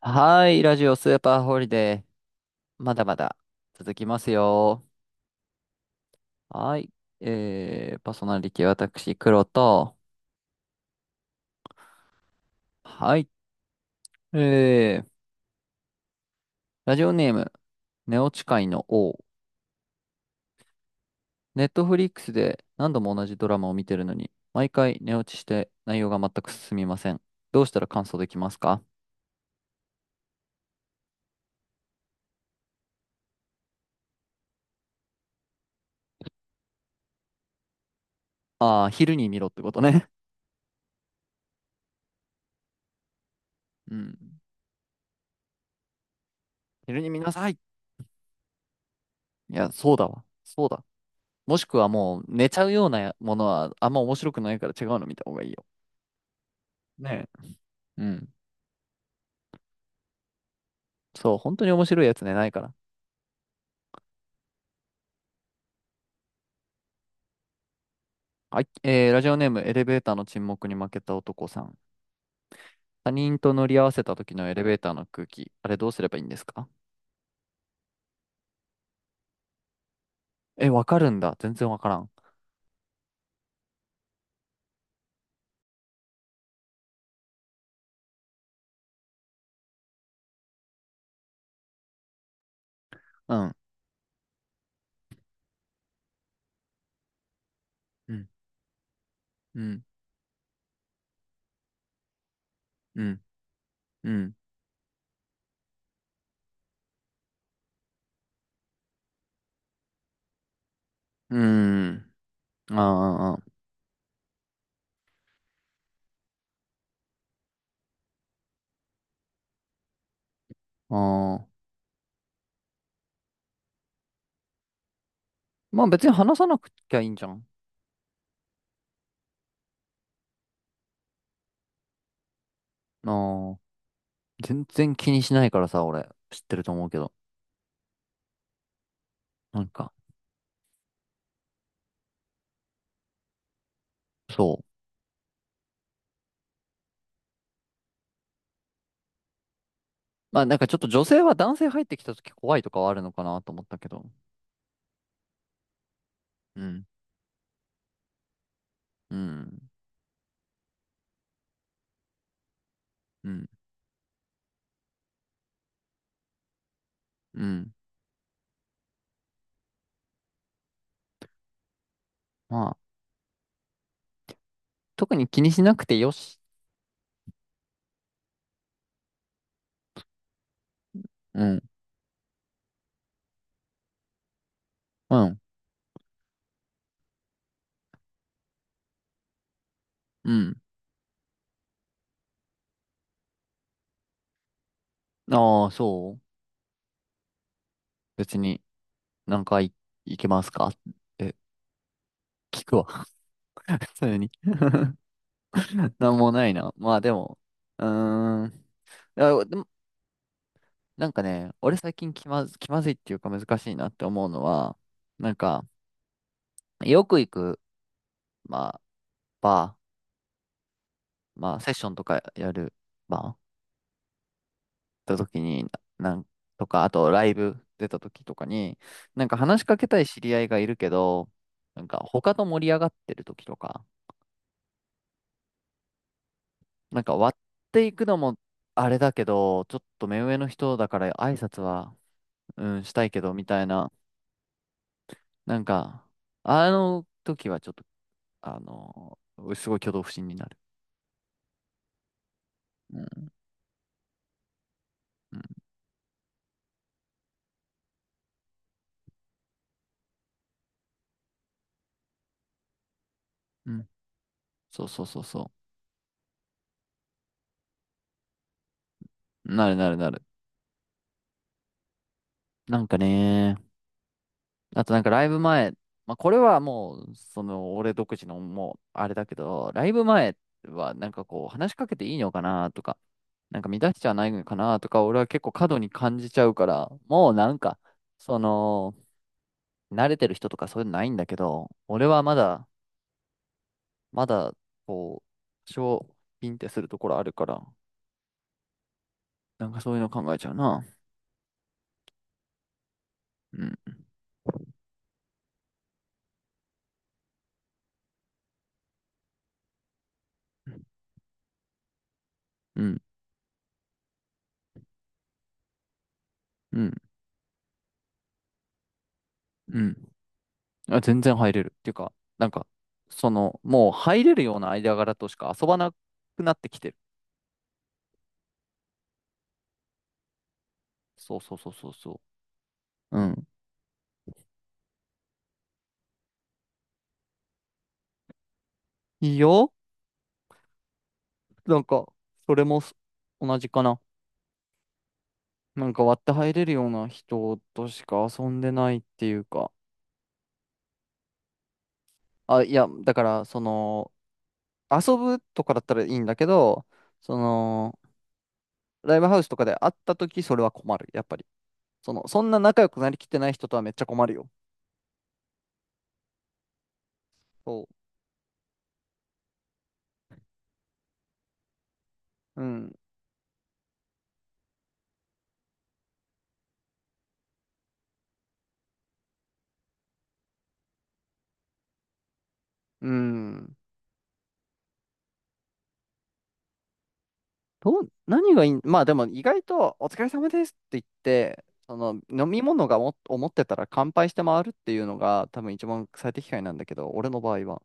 はい、ラジオスーパーホリデー、まだまだ続きますよ。はい、パーソナリティ私、黒と、はい、えー、ラジオネーム、寝落ち界の王。ネットフリックスで何度も同じドラマを見てるのに、毎回寝落ちして内容が全く進みません。どうしたら感想できますか？ああー、昼に見ろってことね。うん、昼に見なさい。いや、そうだわ。そうだ。もしくはもう寝ちゃうようなものはあんま面白くないから違うの見た方がいいよ。ね。うん。そう、本当に面白いやつね、ないから。はい、ラジオネーム、エレベーターの沈黙に負けた男さん。他人と乗り合わせた時のエレベーターの空気、あれどうすればいいんですか？え、わかるんだ。全然わからん。うん。うん。うん。うん。うん。うん。ああ、ああ。まあ別に話さなくちゃいいんじゃん。ああ。全然気にしないからさ、俺。知ってると思うけど。なんか、そう。まあなんかちょっと女性は男性入ってきた時怖いとかはあるのかなと思ったけど。うん。うん。うんうん。まあ、特に気にしなくてよし。うん。うん。うん。ああ、そう。別に、何回行けますか？え、聞くわ。普通に。なんもないな。まあでも、うーん。いやでも、なんかね、俺最近気まず、気まずいっていうか難しいなって思うのは、なんか、よく行く、まあ、バー、まあ、セッションとかやるバーた時に、なんとか、あとライブ出た時とかに、なんか話しかけたい知り合いがいるけど、なんか他と盛り上がってる時とか、なんか割っていくのもあれだけど、ちょっと目上の人だから挨拶は、うん、したいけど、みたいな、なんか、あの時はちょっと、あの、すごい挙動不審になる。うん、うん、うん。そうそうそうそう。なるなるなる。なんかね、あとなんかライブ前、まあ、これはもう、その、俺独自のもう、あれだけど、ライブ前はなんかこう、話しかけていいのかなとか、なんか乱しちゃないのかなとか、俺は結構過度に感じちゃうから、もうなんか、その、慣れてる人とかそういうのないんだけど、俺はまだ、まだ、こう、多少、ピンってするところあるから、なんかそういうの考えちゃうな。うん、うん、うん、うん。あ、全然入れる。っていうか、なんか、その、もう入れるような間柄としか遊ばなくなってきてる。そうそうそうそうそう。うん。いいよ。なんか、それもす同じかな。なんか割って入れるような人としか遊んでないっていうか。あ、いや、だから、その、遊ぶとかだったらいいんだけど、その、ライブハウスとかで会った時それは困る。やっぱり。その、そんな仲良くなりきってない人とはめっちゃ困るよ。そう。うん。うん。どう、何がいい、まあでも意外とお疲れ様ですって言って、その飲み物がも、思ってたら乾杯して回るっていうのが多分一番最適解なんだけど、俺の場合は。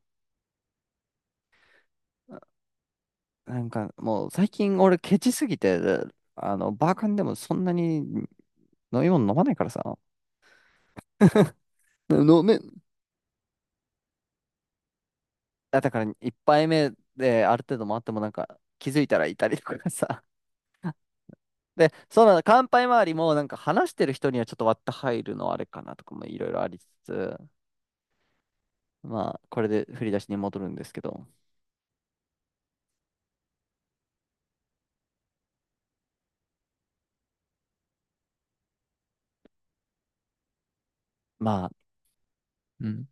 なんかもう最近俺ケチすぎて、バーカンでもそんなに飲み物飲まないからさ。飲め、あだから一杯目である程度回ってもなんか気づいたらいたりとかさ。で、その乾杯周りもなんか話してる人にはちょっと割って入るのあれかなとかもいろいろありつつ、まあ、これで振り出しに戻るんですけど、まあ、うん。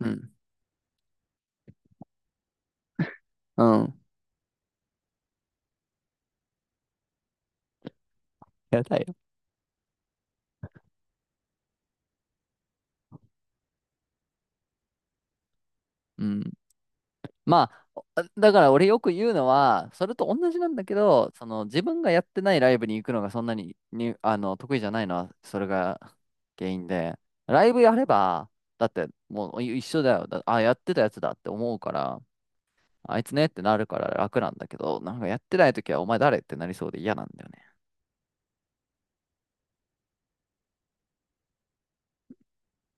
うん、うん、やだよ。うん。まあ、だから俺よく言うのは、それと同じなんだけど、その自分がやってないライブに行くのがそんなに、に、得意じゃないのは、それが原因で、ライブやれば、だってもう一緒だよ。だあ、やってたやつだって思うから、あいつねってなるから楽なんだけど、なんかやってない時はお前誰ってなりそうで嫌なんだよね。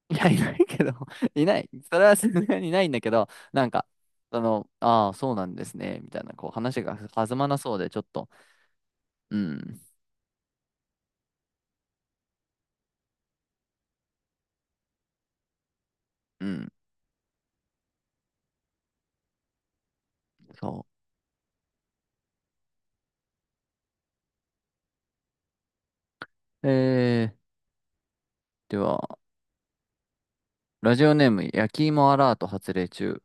いや、いないけど、いない。それはさすがにいないんだけど、なんか、その、ああ、そうなんですね、みたいな、こう話が弾まなそうで、ちょっと、うん、うん、そう。では、ラジオネーム、焼き芋アラート発令中。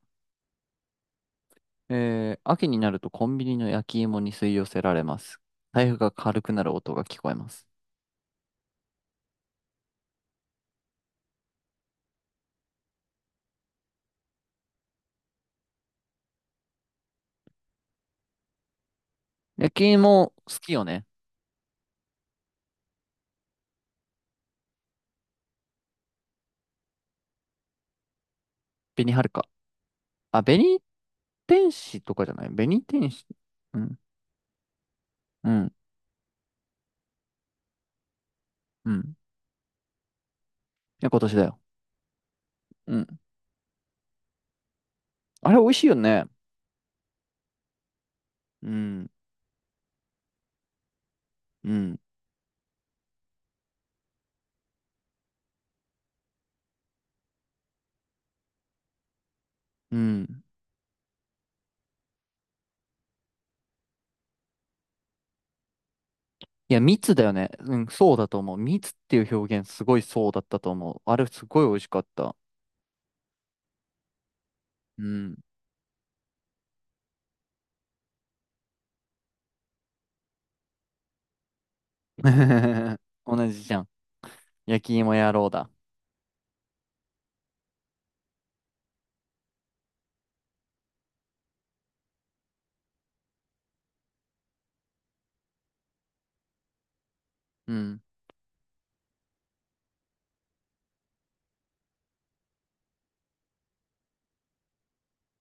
秋になるとコンビニの焼き芋に吸い寄せられます。財布が軽くなる音が聞こえます。焼き芋、好きよね。紅はるか。あ、紅天使とかじゃない紅天使。うん、うん、うん。いや、今年だよ。うん。あれ、美味しいよね。うん、うん、うん。いや、密だよね。うん、そうだと思う。密っていう表現、すごいそうだったと思う。あれ、すごい美味しかった。うん。同じじゃん。焼き芋野郎だ。うん。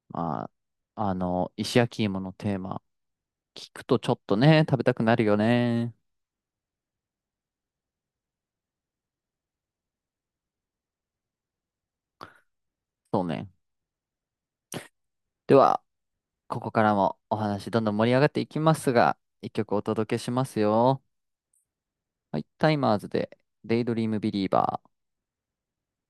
まあ、石焼き芋のテーマ、聞くとちょっとね、食べたくなるよね。そうね。では、ここからもお話どんどん盛り上がっていきますが、一曲お届けしますよ。はい、タイマーズで、デイドリームビリーバー。